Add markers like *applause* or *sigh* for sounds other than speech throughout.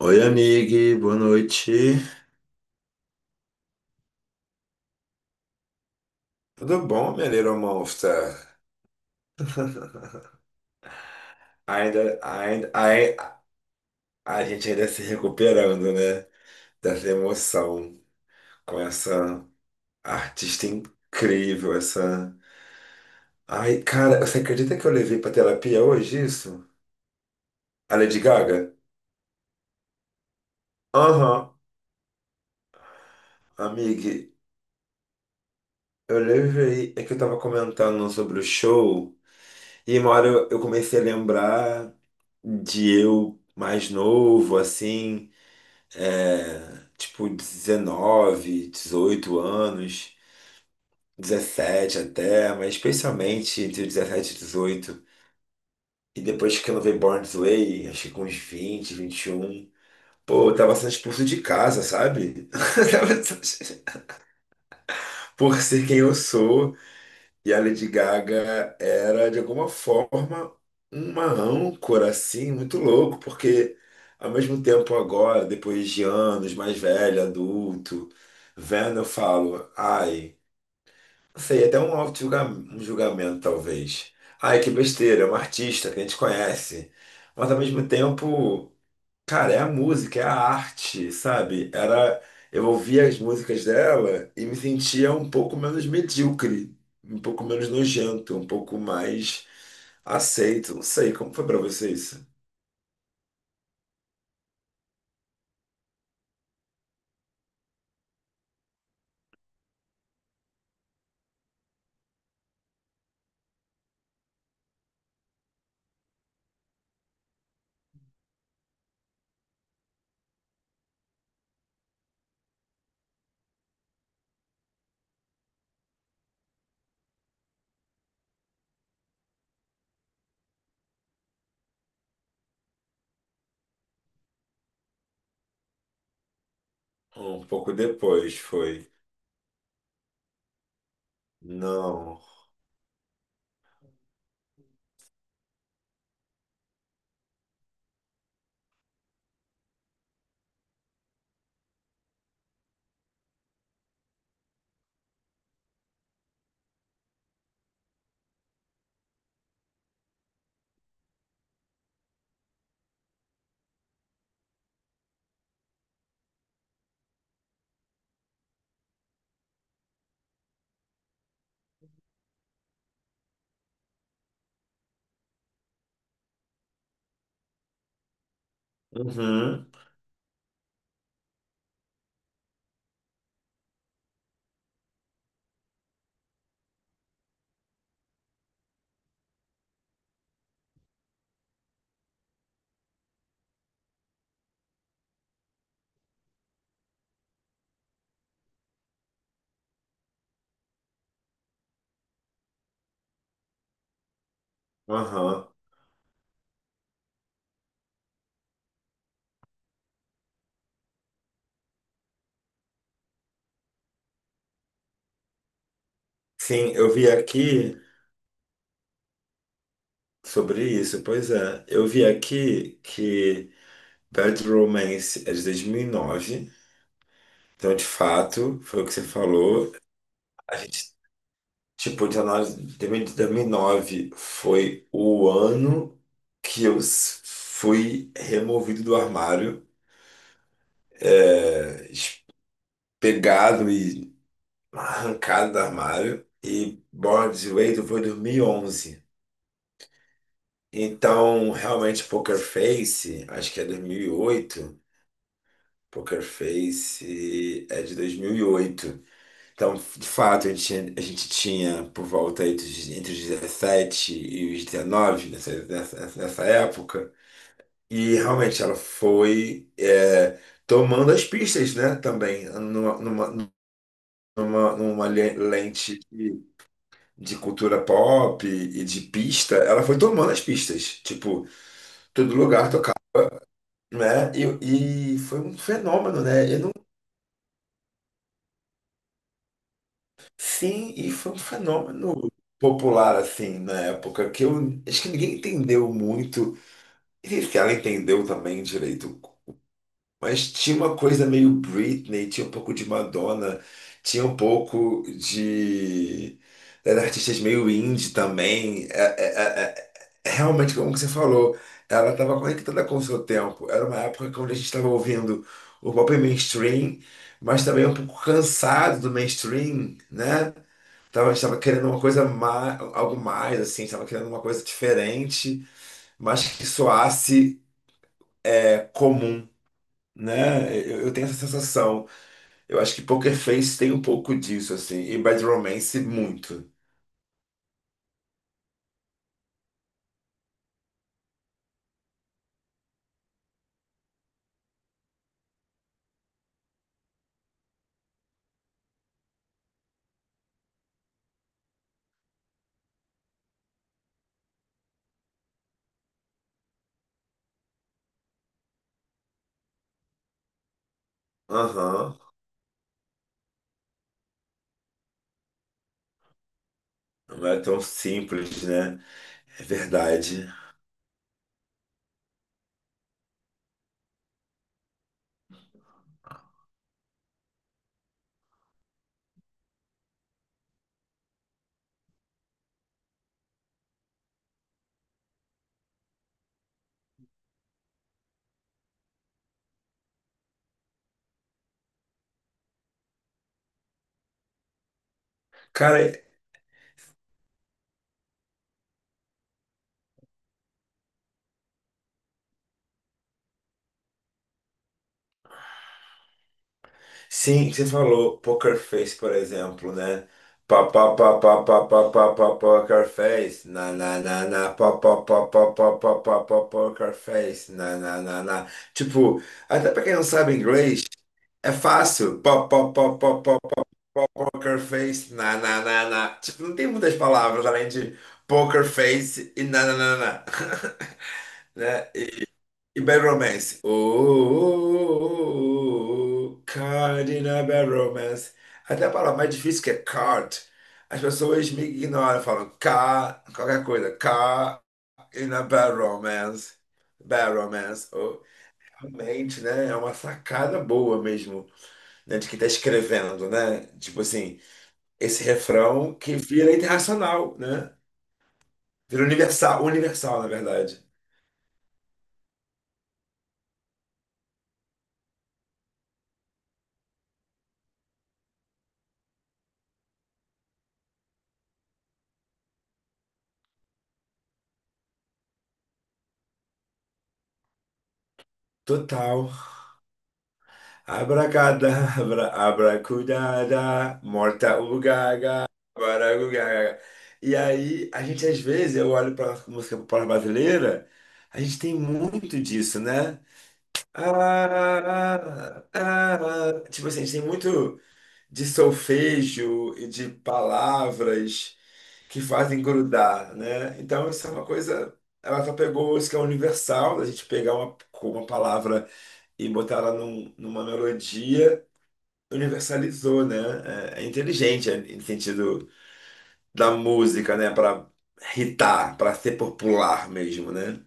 Oi, amigue, boa noite. Tudo bom, minha Little Monster? Ainda, ainda, ai- a gente ainda se recuperando, né? Dessa emoção com essa artista incrível, essa. Ai, cara, você acredita que eu levei pra terapia hoje isso? A Lady Gaga? Aham, amiga, eu levei. É que eu tava comentando sobre o show e uma hora eu comecei a lembrar de eu mais novo, assim. É, tipo 19, 18 anos, 17 até, mas especialmente entre dezessete e dezoito. E depois que eu não veio Born This Way, acho que com uns vinte, vinte e um, pô, eu tava sendo expulso de casa, sabe? *laughs* Tava por ser quem eu sou. E a Lady Gaga era, de alguma forma, uma âncora, assim, muito louco, porque, ao mesmo tempo, agora, depois de anos, mais velho, adulto, vendo, eu falo, ai, não sei, até um auto-julgamento, um julgamento, talvez. Ai, que besteira, é uma artista que a gente conhece. Mas, ao mesmo tempo. Cara, é a música, é a arte, sabe? Era, eu ouvia as músicas dela e me sentia um pouco menos medíocre, um pouco menos nojento, um pouco mais aceito. Não sei, como foi pra você isso? Um pouco depois foi. Não. Uhum, aham. Sim, eu vi aqui sobre isso, pois é. Eu vi aqui que Bad Romance é de 2009. Então, de fato, foi o que você falou. A gente, tipo, de análise de 2009 foi o ano que fui removido do armário, é, es- pegado e arrancado do armário. E Bored Wade foi 2011. Então, realmente, Poker Face, acho que é 2008. Poker Face é de 2008. Então, de fato, a gente a gente tinha por volta aí entre os 17 e os 19 nessa época. E realmente ela foi tomando as pistas, né, também, numa lente de cultura pop e de pista. Ela foi tomando as pistas, tipo, todo lugar tocava, né? E foi um fenômeno, né? Sim, e foi um fenômeno popular, assim, na época, que eu acho que ninguém entendeu muito, e se ela entendeu também direito, mas tinha uma coisa meio Britney, tinha um pouco de Madonna, tinha um pouco de... era artistas meio indie também, realmente, como que você falou, ela estava conectada com o seu tempo, era uma época que onde a gente estava ouvindo o pop mainstream, mas também um pouco cansado do mainstream, né? Estava querendo uma coisa mais, algo mais, assim, estava querendo uma coisa diferente, mas que soasse comum, né? Eu tenho essa sensação. Eu acho que Poker Face tem um pouco disso, assim, e Bad Romance muito. Aham, não é tão simples, né? É verdade. Cara, sim, você falou poker face, por exemplo, né? Pá, pá, pá, pá, pá, pá, pá, pá, poker face. Na, na, na, na, pá, pá, pá, pá, pá, pá, pá, pá, poker face. Na, na, na, na. Tipo, até pra quem não sabe inglês, é fácil. Pá, pá, pá, pá, pá, pá, poker face. Na, na, na, na. Tipo, não tem muitas palavras além de poker face e na, na, na, na. *laughs* Né? E Bad Romance. Oh, oh, oh, oh, card in a Bad Romance. Até a palavra mais difícil que é card. As pessoas me ignoram, falam car, qualquer coisa. Car in a Bad Romance. Bad Romance. Oh, realmente, né? É uma sacada boa mesmo, né? De quem tá escrevendo, né? Tipo assim, esse refrão que vira internacional, né? Vira universal, universal, na verdade. Total. Abracadabra, abracudada, morta ugaga, baragugaga. E aí, a gente às vezes, eu olho para a música popular brasileira, a gente tem muito disso, né? Ah, ah, ah, ah. Tipo assim, a gente tem muito de solfejo e de palavras que fazem grudar, né? Então, isso é uma coisa. Ela só pegou isso que é universal, da gente pegar uma palavra e botar ela numa melodia, universalizou, né? É, é inteligente no sentido da música, né? Para hitar, para ser popular mesmo, né?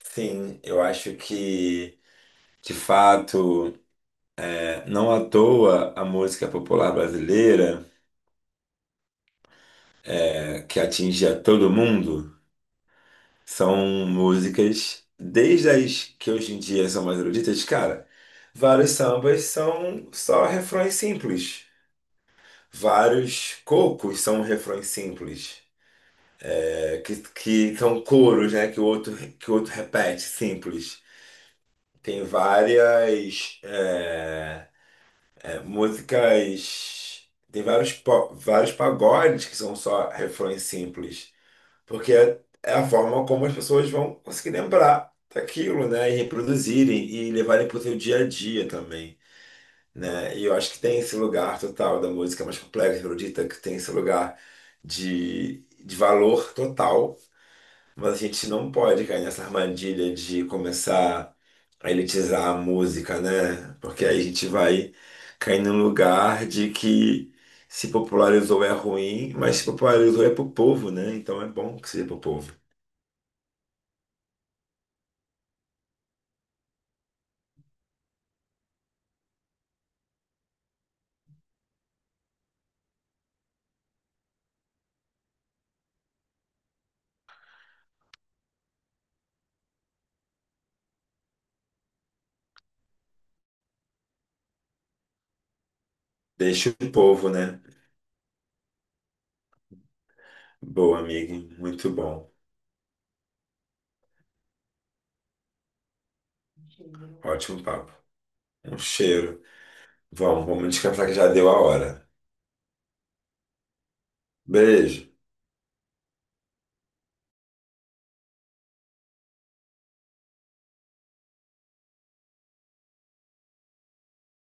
Sim, eu acho que, de fato, não à toa a música popular brasileira, que atinge a todo mundo, são músicas, desde as que hoje em dia são mais eruditas, cara, vários sambas são só refrões simples. Vários cocos são refrões simples. Que são coros, né? Que o outro repete, simples. Tem várias músicas, tem vários pagodes que são só refrões simples, porque é a forma como as pessoas vão conseguir lembrar daquilo, né? E reproduzirem e levarem para o seu dia a dia também. Né? E eu acho que tem esse lugar total da música mais complexa, erudita, que tem esse lugar de valor total. Mas a gente não pode cair nessa armadilha de começar a elitizar a música, né? Porque aí a gente vai cair num lugar de que se popularizou é ruim, mas se popularizou é pro povo, né? Então é bom que seja pro povo. Deixa o povo, né? Boa, amiga. Muito bom. Ótimo papo. Um cheiro. Vamos, vamos descansar que já deu a hora. Beijo.